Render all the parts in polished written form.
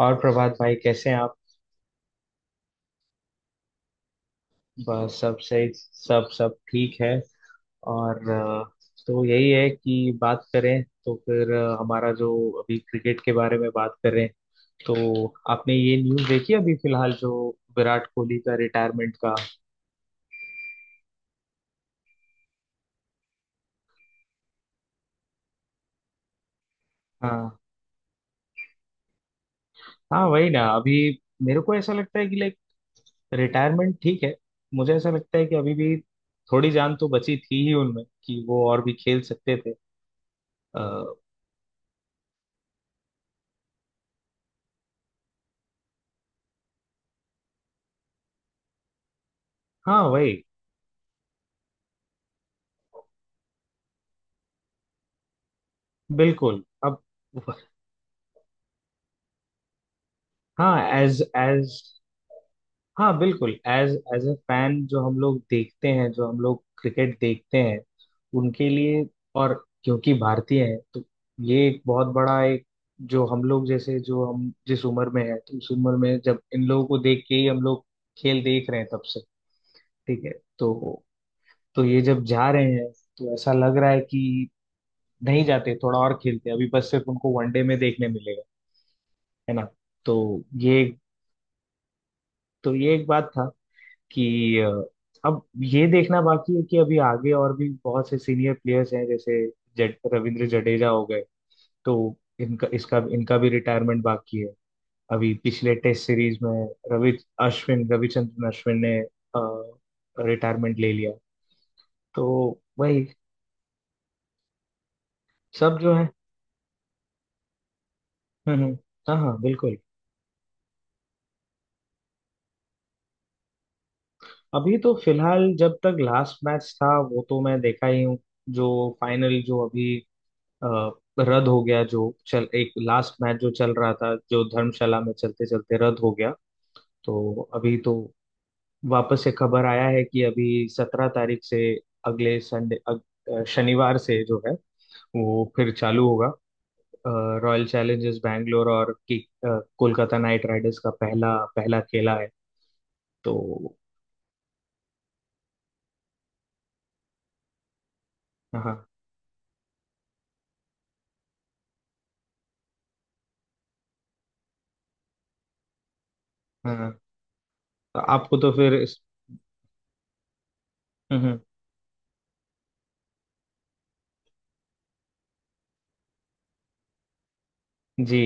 और प्रभात भाई कैसे हैं आप? बस सब सही, सब सब ठीक है। और तो यही है कि बात करें, तो फिर हमारा जो अभी क्रिकेट के बारे में बात करें, तो आपने ये न्यूज़ देखी अभी फिलहाल जो विराट कोहली का रिटायरमेंट का। हाँ। हाँ वही ना, अभी मेरे को ऐसा लगता है कि लाइक रिटायरमेंट ठीक है, मुझे ऐसा लगता है कि अभी भी थोड़ी जान तो बची थी ही उनमें कि वो और भी खेल सकते थे। आ, हाँ वही, बिल्कुल अब। हाँ एज एज। हाँ बिल्कुल एज एज ए फैन, जो हम लोग देखते हैं, जो हम लोग क्रिकेट देखते हैं उनके लिए। और क्योंकि भारतीय हैं तो ये एक बहुत बड़ा एक, जो हम लोग जैसे जो हम जिस उम्र में है, तो उस उम्र में जब इन लोगों को देख के ही हम लोग खेल देख रहे हैं तब से, ठीक है। तो तो ये जब जा रहे हैं, तो ऐसा लग रहा है कि नहीं जाते थोड़ा और खेलते, अभी बस सिर्फ उनको वनडे में देखने मिलेगा, है ना। तो ये तो ये एक बात था कि अब ये देखना बाकी है कि अभी आगे और भी बहुत से सीनियर प्लेयर्स हैं, जैसे रविंद्र जडेजा हो गए, तो इनका भी रिटायरमेंट बाकी है। अभी पिछले टेस्ट सीरीज में रवि रविचंद्रन अश्विन ने रिटायरमेंट ले लिया। तो वही, सब जो है। हम्म। हाँ हाँ बिल्कुल। अभी तो फिलहाल जब तक लास्ट मैच था वो तो मैं देखा ही हूँ, जो फाइनल जो अभी अ, रद्द हो गया, जो चल एक लास्ट मैच जो चल रहा था जो धर्मशाला में चलते चलते रद्द हो गया। तो अभी तो वापस से खबर आया है कि अभी 17 तारीख से, अगले संडे, शनिवार से जो है वो फिर चालू होगा, रॉयल चैलेंजर्स बैंगलोर और कोलकाता नाइट राइडर्स का पहला पहला खेला है। तो हाँ हाँ। तो आपको तो फिर हम्म। जी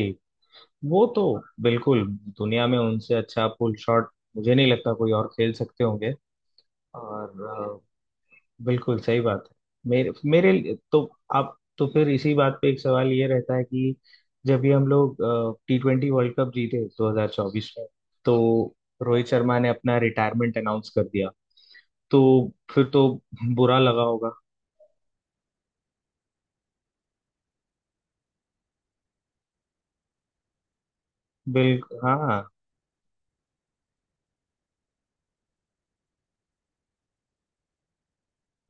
वो तो बिल्कुल, दुनिया में उनसे अच्छा पुल शॉट मुझे नहीं लगता कोई और खेल सकते होंगे। और बिल्कुल सही बात है। मेरे मेरे लिए- तो आप तो फिर इसी बात पे एक सवाल ये रहता है कि, जब भी हम लोग टी ट्वेंटी वर्ल्ड कप जीते 2024 में, तो रोहित शर्मा ने अपना रिटायरमेंट अनाउंस कर दिया, तो फिर तो बुरा लगा होगा। बिल हाँ।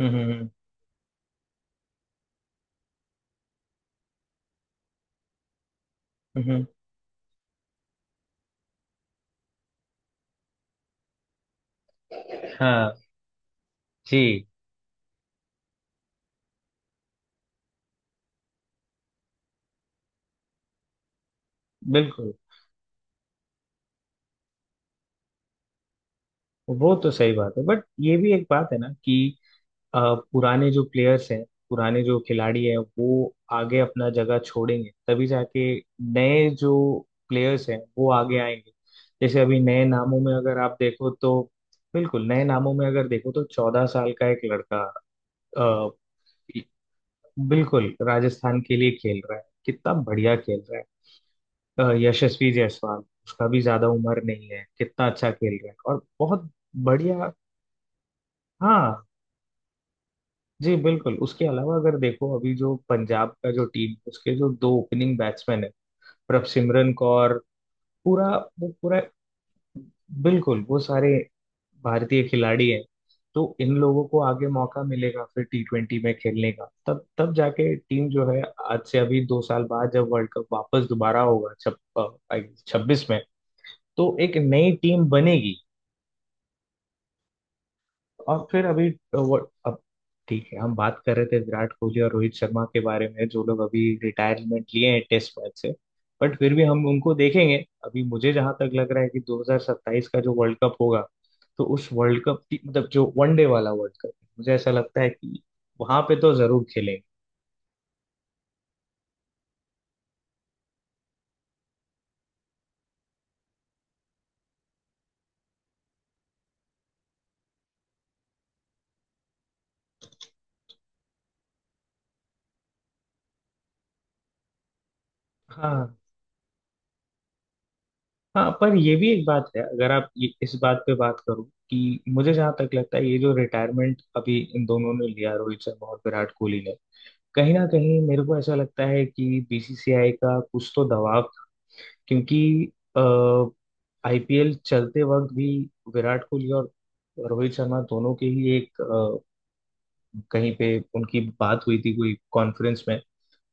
हम्म। हम्म। हाँ जी बिल्कुल। वो तो सही बात है, बट ये भी एक बात है ना कि अ, पुराने जो प्लेयर्स हैं, पुराने जो खिलाड़ी हैं वो आगे अपना जगह छोड़ेंगे, तभी जाके नए जो प्लेयर्स हैं वो आगे आएंगे। जैसे अभी नए नामों में अगर आप देखो तो, बिल्कुल, नए नामों में अगर देखो तो 14 साल का एक लड़का अ, बिल्कुल राजस्थान के लिए खेल रहा है, कितना बढ़िया खेल रहा है। यशस्वी जायसवाल, उसका भी ज्यादा उम्र नहीं है, कितना अच्छा खेल रहा है। और बहुत बढ़िया। हाँ जी बिल्कुल, उसके अलावा अगर देखो, अभी जो पंजाब का जो टीम, उसके जो दो ओपनिंग बैट्समैन है, प्रभसिमरन कौर पूरा, वो पूरा, बिल्कुल, वो सारे भारतीय खिलाड़ी हैं। तो इन लोगों को आगे मौका मिलेगा फिर टी ट्वेंटी में खेलने का, तब तब जाके टीम जो है, आज से अभी 2 साल बाद जब वर्ल्ड कप वापस दोबारा होगा, छप 26 में, तो एक नई टीम बनेगी। और फिर अभी वो अब, ठीक है हम बात कर रहे थे विराट कोहली और रोहित शर्मा के बारे में जो लोग अभी रिटायरमेंट लिए हैं टेस्ट मैच से, बट फिर भी हम उनको देखेंगे। अभी मुझे जहां तक लग रहा है कि 2027 का जो वर्ल्ड कप होगा, तो उस वर्ल्ड कप की मतलब जो वनडे वाला वर्ल्ड कप, मुझे ऐसा लगता है कि वहां पे तो जरूर खेलेंगे। हाँ हाँ, पर ये भी एक बात है, अगर आप इस बात पे बात करो कि, मुझे जहां तक लगता है ये जो रिटायरमेंट अभी इन दोनों ने लिया रोहित शर्मा और विराट कोहली ने, कहीं ना कहीं मेरे को ऐसा लगता है कि बीसीसीआई का कुछ तो दबाव, क्योंकि आईपीएल चलते वक्त भी विराट कोहली और रोहित शर्मा दोनों के ही एक कहीं पे उनकी बात हुई थी कोई कॉन्फ्रेंस में,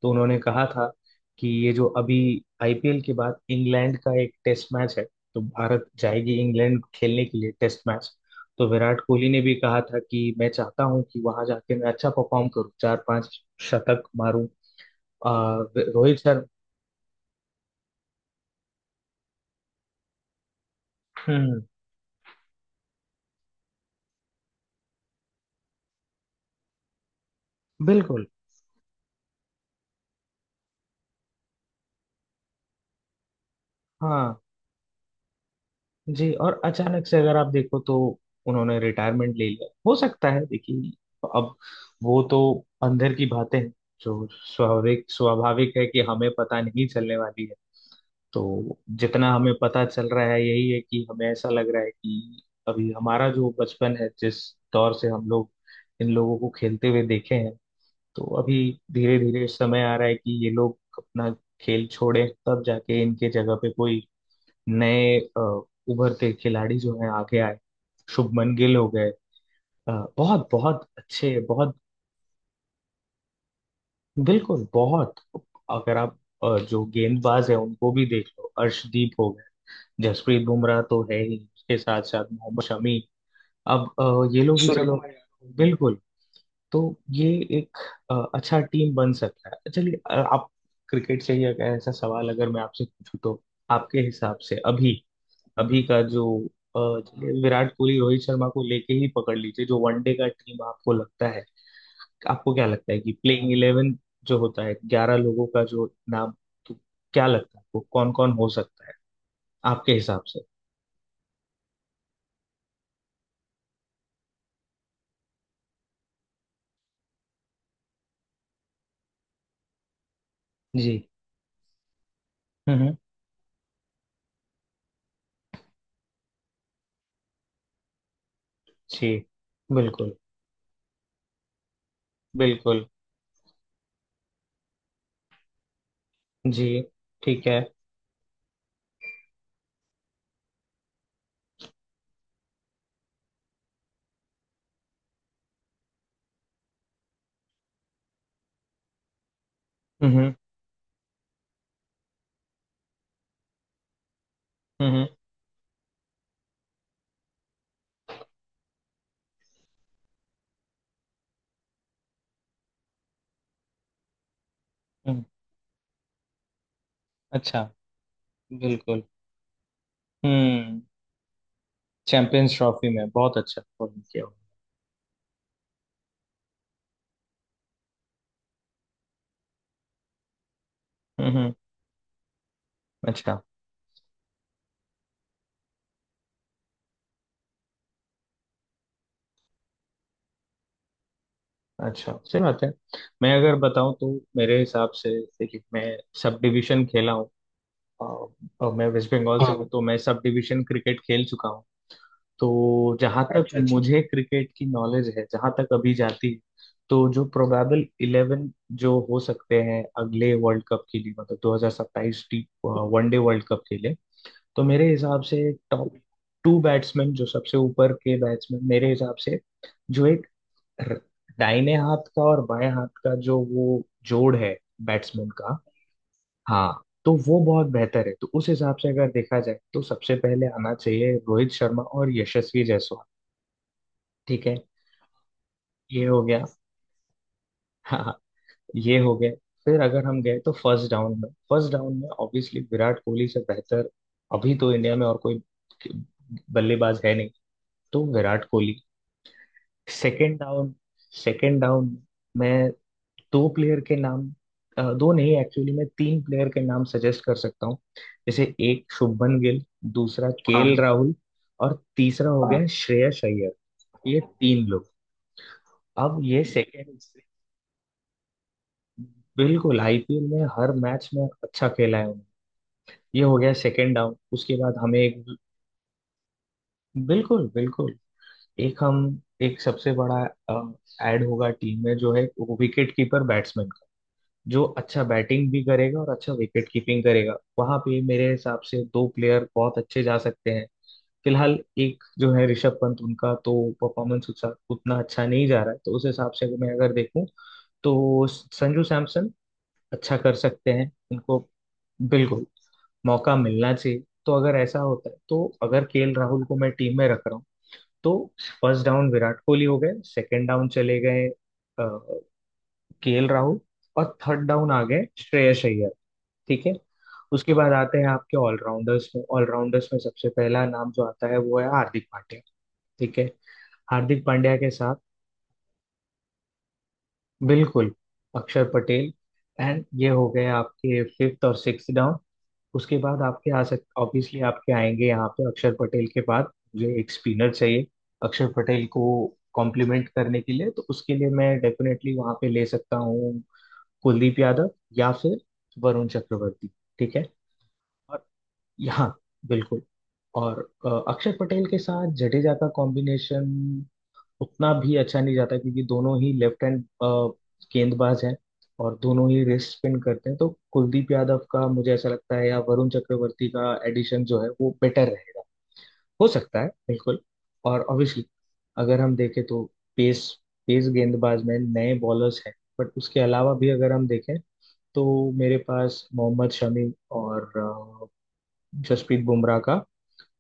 तो उन्होंने कहा था कि ये जो अभी आईपीएल के बाद इंग्लैंड का एक टेस्ट मैच है, तो भारत जाएगी इंग्लैंड खेलने के लिए टेस्ट मैच, तो विराट कोहली ने भी कहा था कि मैं चाहता हूं कि वहां जाके मैं अच्छा परफॉर्म करूं, चार पांच शतक मारूं। आ, रोहित सर। हम्म। बिल्कुल। हाँ जी, और अचानक से अगर आप देखो तो उन्होंने रिटायरमेंट ले लिया, हो सकता है, देखिए अब वो तो अंदर की बातें हैं जो स्वाभाविक स्वाभाविक है कि हमें पता नहीं चलने वाली है। तो जितना हमें पता चल रहा है यही है, कि हमें ऐसा लग रहा है कि अभी हमारा जो बचपन है, जिस दौर से हम लोग इन लोगों को खेलते हुए देखे हैं, तो अभी धीरे धीरे समय आ रहा है कि ये लोग अपना खेल छोड़े, तब जाके इनके जगह पे कोई नए उभरते खिलाड़ी जो हैं आगे आए। शुभमन गिल हो गए, अ, बहुत बहुत अच्छे, बहुत बिल्कुल बहुत। अगर आप जो गेंदबाज है उनको भी देख लो, अर्शदीप हो गए, जसप्रीत बुमराह तो है ही, उसके साथ साथ मोहम्मद शमी। अब ये लोग भी चलो, यादव बिल्कुल। तो ये एक अच्छा टीम बन सकता है। चलिए आप, क्रिकेट से ही एक ऐसा सवाल अगर मैं आपसे पूछूं तो, आपके हिसाब से अभी, अभी का जो चलिए विराट कोहली रोहित शर्मा को लेके ही पकड़ लीजिए, जो वनडे का टीम आपको लगता है, आपको क्या लगता है कि प्लेइंग इलेवन जो होता है 11 लोगों का जो नाम, तो क्या लगता है आपको कौन कौन हो सकता है आपके हिसाब से? जी। हम्म। जी बिल्कुल बिल्कुल। जी ठीक है। हम्म। हम्म, हम्म। अच्छा बिल्कुल। हम्म। चैंपियंस ट्रॉफी में बहुत अच्छा परफॉर्म किया हुआ। हम्म। अच्छा अच्छा, सही बात है। मैं अगर बताऊं तो, मेरे हिसाब से देखिए मैं सब डिवीजन खेला हूँ, और मैं वेस्ट बंगाल से हूँ। हाँ, तो मैं सब डिवीजन क्रिकेट खेल चुका हूँ। तो जहां तक, अच्छा अच्छा, मुझे क्रिकेट की नॉलेज है जहां तक अभी जाती है, तो जो प्रोबेबल इलेवन जो हो सकते हैं अगले वर्ल्ड कप के लिए, मतलब 2027 टी वनडे वर्ल्ड कप के लिए, तो मेरे हिसाब से टॉप टू बैट्समैन, जो सबसे ऊपर के बैट्समैन, मेरे हिसाब से, जो एक र- दाहिने हाथ का और बाएं हाथ का जो वो जोड़ है बैट्समैन का, हाँ तो वो बहुत बेहतर है। तो उस हिसाब से अगर देखा जाए तो सबसे पहले आना चाहिए रोहित शर्मा और यशस्वी जायसवाल, ठीक है, ये हो गया। हाँ हाँ, ये हो गया। फिर अगर हम गए तो फर्स्ट डाउन में, फर्स्ट डाउन में ऑब्वियसली विराट कोहली से बेहतर अभी तो इंडिया में और कोई बल्लेबाज है नहीं, तो Virat Kohli. Second down, second down मैं दो प्लेयर के नाम, दो नहीं, एक्चुअली मैं तीन प्लेयर के नाम सजेस्ट कर सकता हूँ। जैसे, एक शुभमन गिल, दूसरा केएल केएल राहुल, और तीसरा हो गया हाँ श्रेयस अय्यर। ये तीन लोग अब, ये सेकेंड, बिल्कुल, आईपीएल में हर मैच में अच्छा खेला है उन्होंने, ये हो गया सेकेंड डाउन। उसके बाद हमें एक, बिल्कुल बिल्कुल एक, हम एक सबसे बड़ा ऐड होगा टीम में, जो है विकेट कीपर बैट्समैन, जो अच्छा बैटिंग भी करेगा और अच्छा विकेट कीपिंग करेगा, वहां पे मेरे हिसाब से दो प्लेयर बहुत अच्छे जा सकते हैं। फिलहाल एक जो है ऋषभ पंत, उनका तो परफॉर्मेंस उतना अच्छा नहीं जा रहा है, तो उस हिसाब से अगर देखूं, तो संजू सैमसन अच्छा कर सकते हैं, उनको बिल्कुल मौका मिलना चाहिए। तो अगर ऐसा होता है, तो अगर केएल राहुल को मैं टीम में रख रहा हूँ, तो फर्स्ट डाउन विराट कोहली हो गए, सेकंड डाउन चले गए केएल राहुल, और थर्ड डाउन आ गए श्रेयस अय्यर, ठीक है। उसके बाद आते हैं आपके ऑलराउंडर्स में, ऑलराउंडर्स में सबसे पहला नाम जो आता है वो है हार्दिक पांड्या, ठीक है। हार्दिक पांड्या के साथ बिल्कुल अक्षर पटेल, एंड ये हो गए आपके फिफ्थ और सिक्स डाउन। उसके बाद आपके आ सक ऑब्वियसली आपके आएंगे यहाँ पे, अक्षर पटेल के बाद मुझे एक स्पिनर चाहिए अक्षर पटेल को कॉम्प्लीमेंट करने के लिए, तो उसके लिए मैं डेफिनेटली वहां पे ले सकता हूँ कुलदीप यादव या फिर वरुण चक्रवर्ती, ठीक है। और यहाँ बिल्कुल, और अक्षर पटेल के साथ जडेजा का कॉम्बिनेशन उतना भी अच्छा नहीं जाता, क्योंकि दोनों ही लेफ्ट हैंड गेंदबाज हैं और दोनों ही रिस्ट स्पिन करते हैं, तो कुलदीप यादव का मुझे ऐसा लगता है या वरुण चक्रवर्ती का एडिशन जो है वो बेटर रहेगा, हो सकता है। बिल्कुल और ऑब्वियसली, अगर हम देखें तो पेस, गेंदबाज में नए बॉलर्स हैं, बट उसके अलावा भी अगर हम देखें तो मेरे पास मोहम्मद शमी और जसप्रीत बुमराह का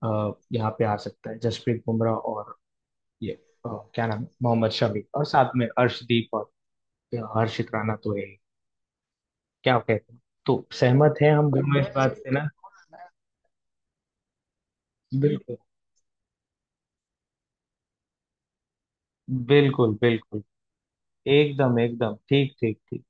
यहाँ पे आ सकता है जसप्रीत बुमराह और ये, अ, क्या नाम है? मोहम्मद शमी, और साथ में अर्शदीप, और हर्षित राणा तो है ही। क्या कहते हैं, तो सहमत हैं हम दोनों इस बात से ना? बिल्कुल बिल्कुल बिल्कुल, एकदम एकदम, ठीक ठीक ठीक।